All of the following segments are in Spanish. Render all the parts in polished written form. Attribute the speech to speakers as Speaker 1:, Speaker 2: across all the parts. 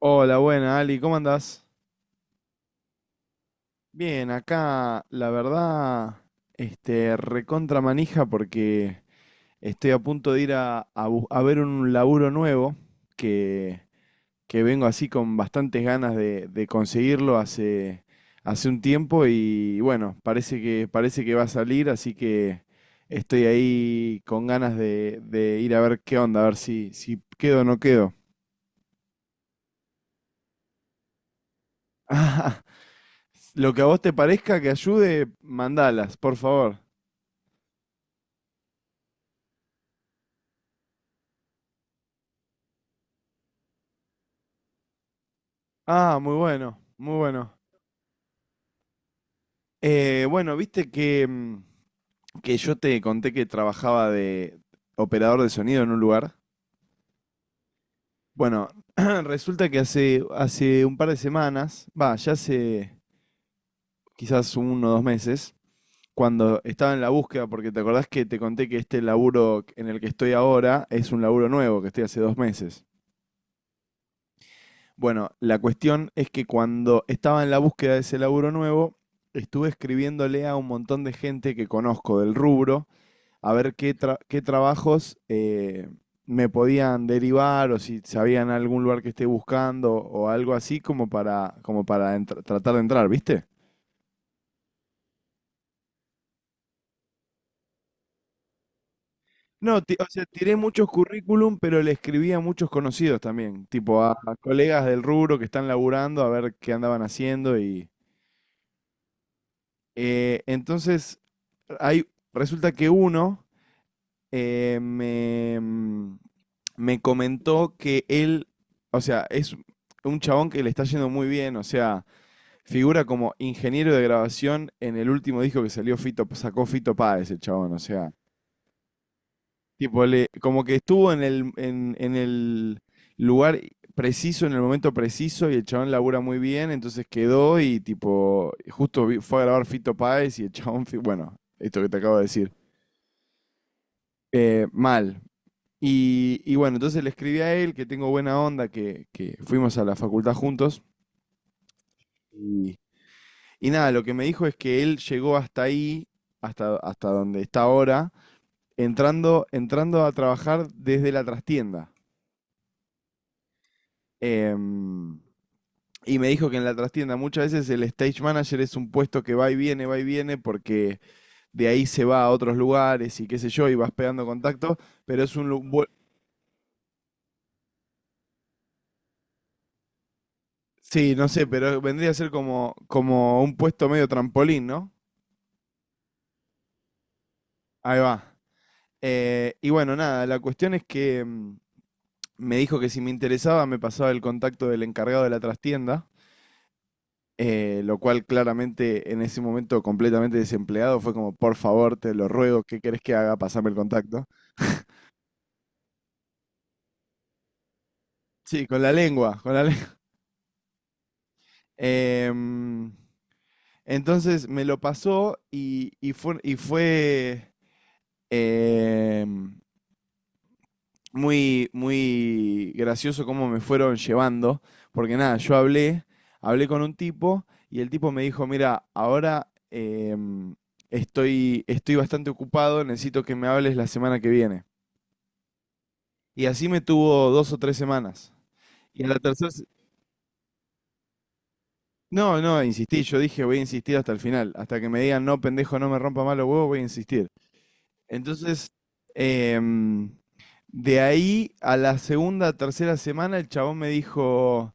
Speaker 1: Hola, buena, Ali, ¿cómo andás? Bien, acá la verdad, recontra manija porque estoy a punto de ir a ver un laburo nuevo que, que vengo así con bastantes ganas de conseguirlo hace un tiempo y bueno, parece que va a salir, así que estoy ahí con ganas de ir a ver qué onda, a ver si quedo o no quedo. Lo que a vos te parezca que ayude, mandalas, por favor. Ah, muy bueno, muy bueno. Bueno, viste que yo te conté que trabajaba de operador de sonido en un lugar. Bueno, resulta que hace un par de semanas, va, ya hace quizás uno o dos meses, cuando estaba en la búsqueda, porque te acordás que te conté que este laburo en el que estoy ahora es un laburo nuevo que estoy hace dos meses. Bueno, la cuestión es que cuando estaba en la búsqueda de ese laburo nuevo, estuve escribiéndole a un montón de gente que conozco del rubro a ver qué trabajos me podían derivar o si sabían algún lugar que esté buscando o algo así como para tratar de entrar, ¿viste? No, o sea, tiré muchos currículum, pero le escribí a muchos conocidos también, tipo a colegas del rubro que están laburando a ver qué andaban haciendo y. Entonces, hay, resulta que uno eh, me, mm, me comentó que él, o sea, es un chabón que le está yendo muy bien, o sea, figura como ingeniero de grabación en el último disco que salió Fito, sacó Fito Páez, el chabón, o sea, tipo, le, como que estuvo en el, en el lugar preciso, en el momento preciso, y el chabón labura muy bien, entonces quedó y tipo, justo fue a grabar Fito Páez y el chabón, bueno, esto que te acabo de decir, mal. Y bueno, entonces le escribí a él que tengo buena onda, que fuimos a la facultad juntos. Y, y nada, lo que me dijo es que él llegó hasta ahí, hasta donde está ahora, entrando a trabajar desde la trastienda. Em, Y me dijo que en la trastienda muchas veces el stage manager es un puesto que va y viene, porque de ahí se va a otros lugares y qué sé yo, y vas pegando contacto, pero es un sí, no sé, pero vendría a ser como, como un puesto medio trampolín, ¿no? Ahí va. Y bueno, nada, la cuestión es que me dijo que si me interesaba me pasaba el contacto del encargado de la trastienda, lo cual claramente en ese momento completamente desempleado fue como, por favor, te lo ruego, ¿qué querés que haga? Pasame el contacto. Sí, con la lengua, con la lengua. Em, entonces me lo pasó y, y fue em, muy, muy gracioso cómo me fueron llevando, porque nada, yo hablé con un tipo y el tipo me dijo, mira, ahora estoy bastante ocupado, necesito que me hables la semana que viene. Y así me tuvo dos o tres semanas. Y a la tercera, no, no, insistí, yo dije voy a insistir hasta el final, hasta que me digan no, pendejo, no me rompa mal los huevos, voy a insistir. Entonces, em, de ahí a la segunda, tercera semana, el chabón me dijo,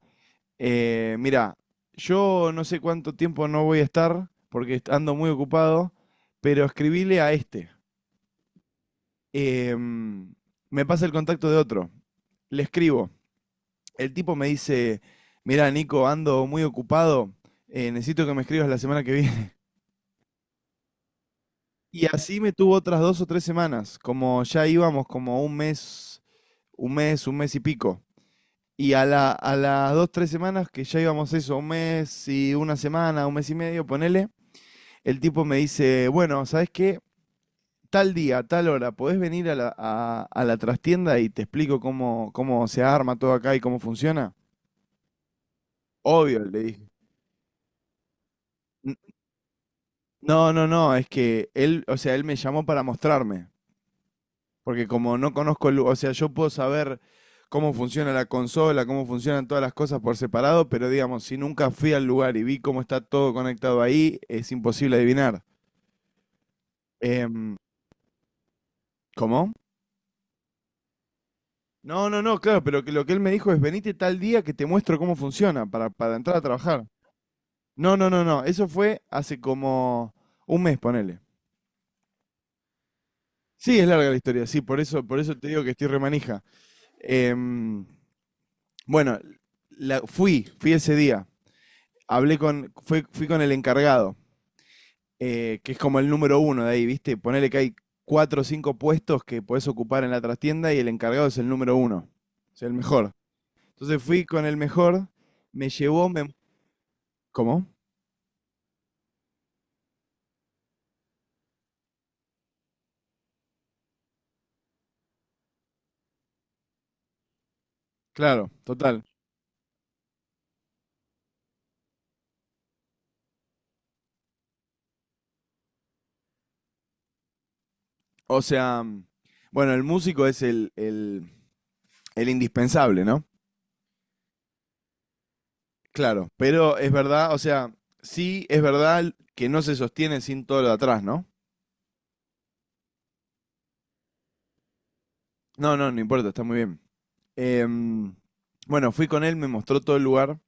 Speaker 1: mira, yo no sé cuánto tiempo no voy a estar, porque ando muy ocupado, pero escribile a este. Em, Me pasa el contacto de otro, le escribo. El tipo me dice, mira, Nico, ando muy ocupado, necesito que me escribas la semana que viene. Y así me tuvo otras dos o tres semanas, como ya íbamos como un mes, y pico. Y a las dos, tres semanas que ya íbamos eso, un mes y una semana, un mes y medio, ponele, el tipo me dice, bueno, ¿sabes qué? Tal día, tal hora, podés venir a la trastienda y te explico cómo se arma todo acá y cómo funciona. Obvio, le dije. "N- No, no, no, es que él, o sea, él me llamó para mostrarme. Porque como no conozco el, o sea, yo puedo saber cómo funciona la consola, cómo funcionan todas las cosas por separado, pero digamos, si nunca fui al lugar y vi cómo está todo conectado ahí, es imposible adivinar. Em, ¿Cómo? No, no, no, claro, pero que lo que él me dijo es venite tal día que te muestro cómo funciona para entrar a trabajar. No, no, no, no, eso fue hace como un mes, ponele. Sí, es larga la historia, sí, por eso te digo que estoy remanija. Em, bueno, fui ese día. Hablé con, fui fui con el encargado, que es como el número uno de ahí, ¿viste? Ponele que hay cuatro o cinco puestos que podés ocupar en la trastienda y el encargado es el número uno, o sea, el mejor. Entonces fui con el mejor, me llevó, ¿cómo? Claro, total. O sea, bueno, el músico es el, el indispensable, ¿no? Claro, pero es verdad, o sea, sí es verdad que no se sostiene sin todo lo de atrás, ¿no? No, no, no importa, está muy bien. Em, bueno, fui con él, me mostró todo el lugar.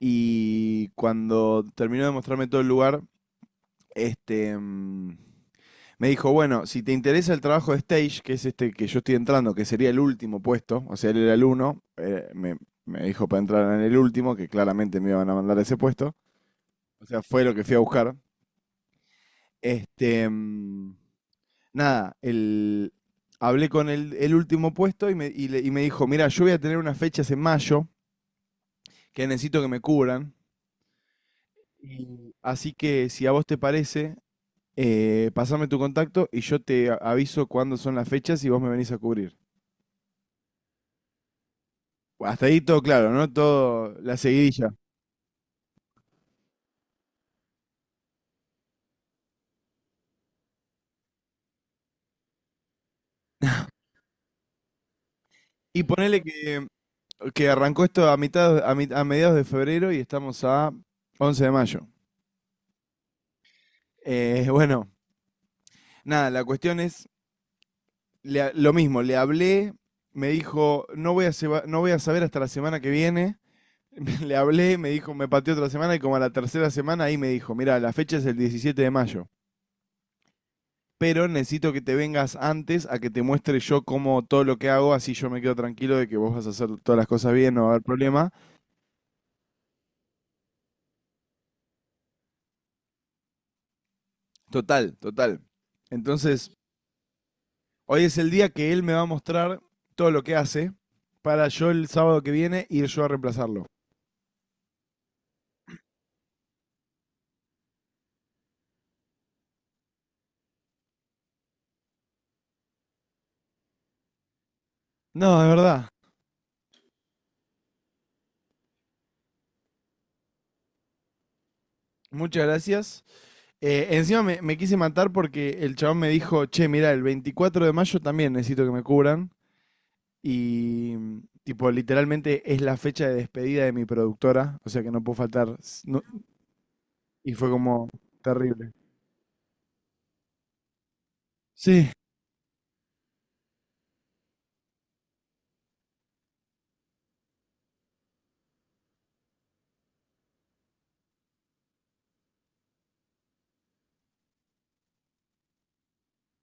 Speaker 1: Y cuando terminó de mostrarme todo el lugar, este, mm, me dijo, bueno, si te interesa el trabajo de stage, que es este que yo estoy entrando, que sería el último puesto, o sea, él era el uno, me dijo para entrar en el último, que claramente me iban a mandar a ese puesto, o sea, fue lo que fui a buscar. Este, mm, nada, el, hablé con el último puesto y me dijo, mira, yo voy a tener unas fechas en mayo que necesito que me cubran. Así que si a vos te parece, pasame tu contacto y yo te aviso cuándo son las fechas y vos me venís a cubrir. Bueno, hasta ahí todo claro, ¿no? Todo la seguidilla. Y ponele que arrancó esto a mediados de febrero y estamos a 11 de mayo. Bueno, nada, la cuestión es lo mismo, le hablé, me dijo, no voy a, seba- no voy a saber hasta la semana que viene. Le hablé, me dijo, me pateó otra semana y como a la tercera semana ahí me dijo, mira, la fecha es el 17 de mayo, pero necesito que te vengas antes a que te muestre yo cómo todo lo que hago, así yo me quedo tranquilo de que vos vas a hacer todas las cosas bien, no va a haber problema. Total, total. Entonces, hoy es el día que él me va a mostrar todo lo que hace para yo el sábado que viene ir yo a reemplazarlo. No, de verdad. Muchas gracias. Encima me quise matar porque el chabón me dijo, che, mira, el 24 de mayo también necesito que me cubran. Y tipo, literalmente es la fecha de despedida de mi productora, o sea que no puedo faltar. Y fue como terrible. Sí.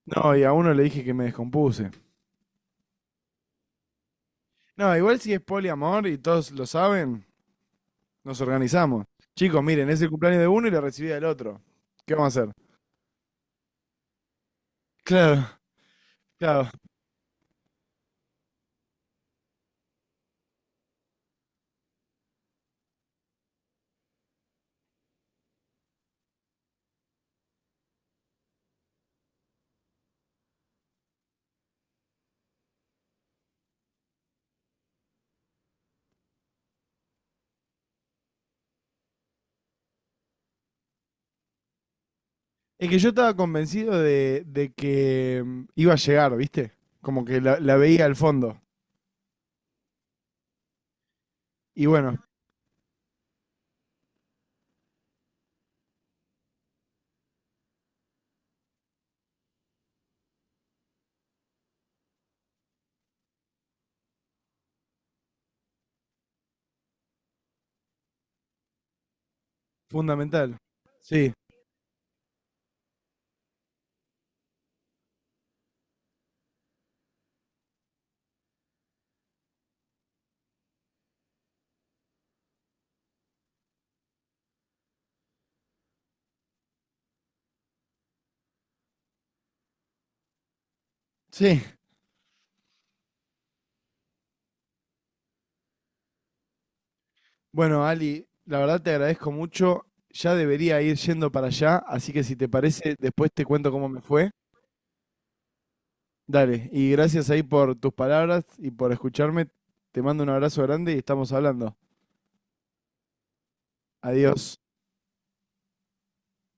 Speaker 1: No, y a uno le dije que me descompuse. No, igual si es poliamor y todos lo saben, nos organizamos. Chicos, miren, es el cumpleaños de uno y la recibida del otro. ¿Qué vamos a hacer? Claro, claro. Es que yo estaba convencido de que iba a llegar, ¿viste? Como que la veía al fondo. Y bueno, fundamental. Sí, sí. Bueno, Ali, la verdad te agradezco mucho. Ya debería ir yendo para allá, así que si te parece, después te cuento cómo me fue. Dale, y gracias ahí por tus palabras y por escucharme. Te mando un abrazo grande y estamos hablando. Adiós.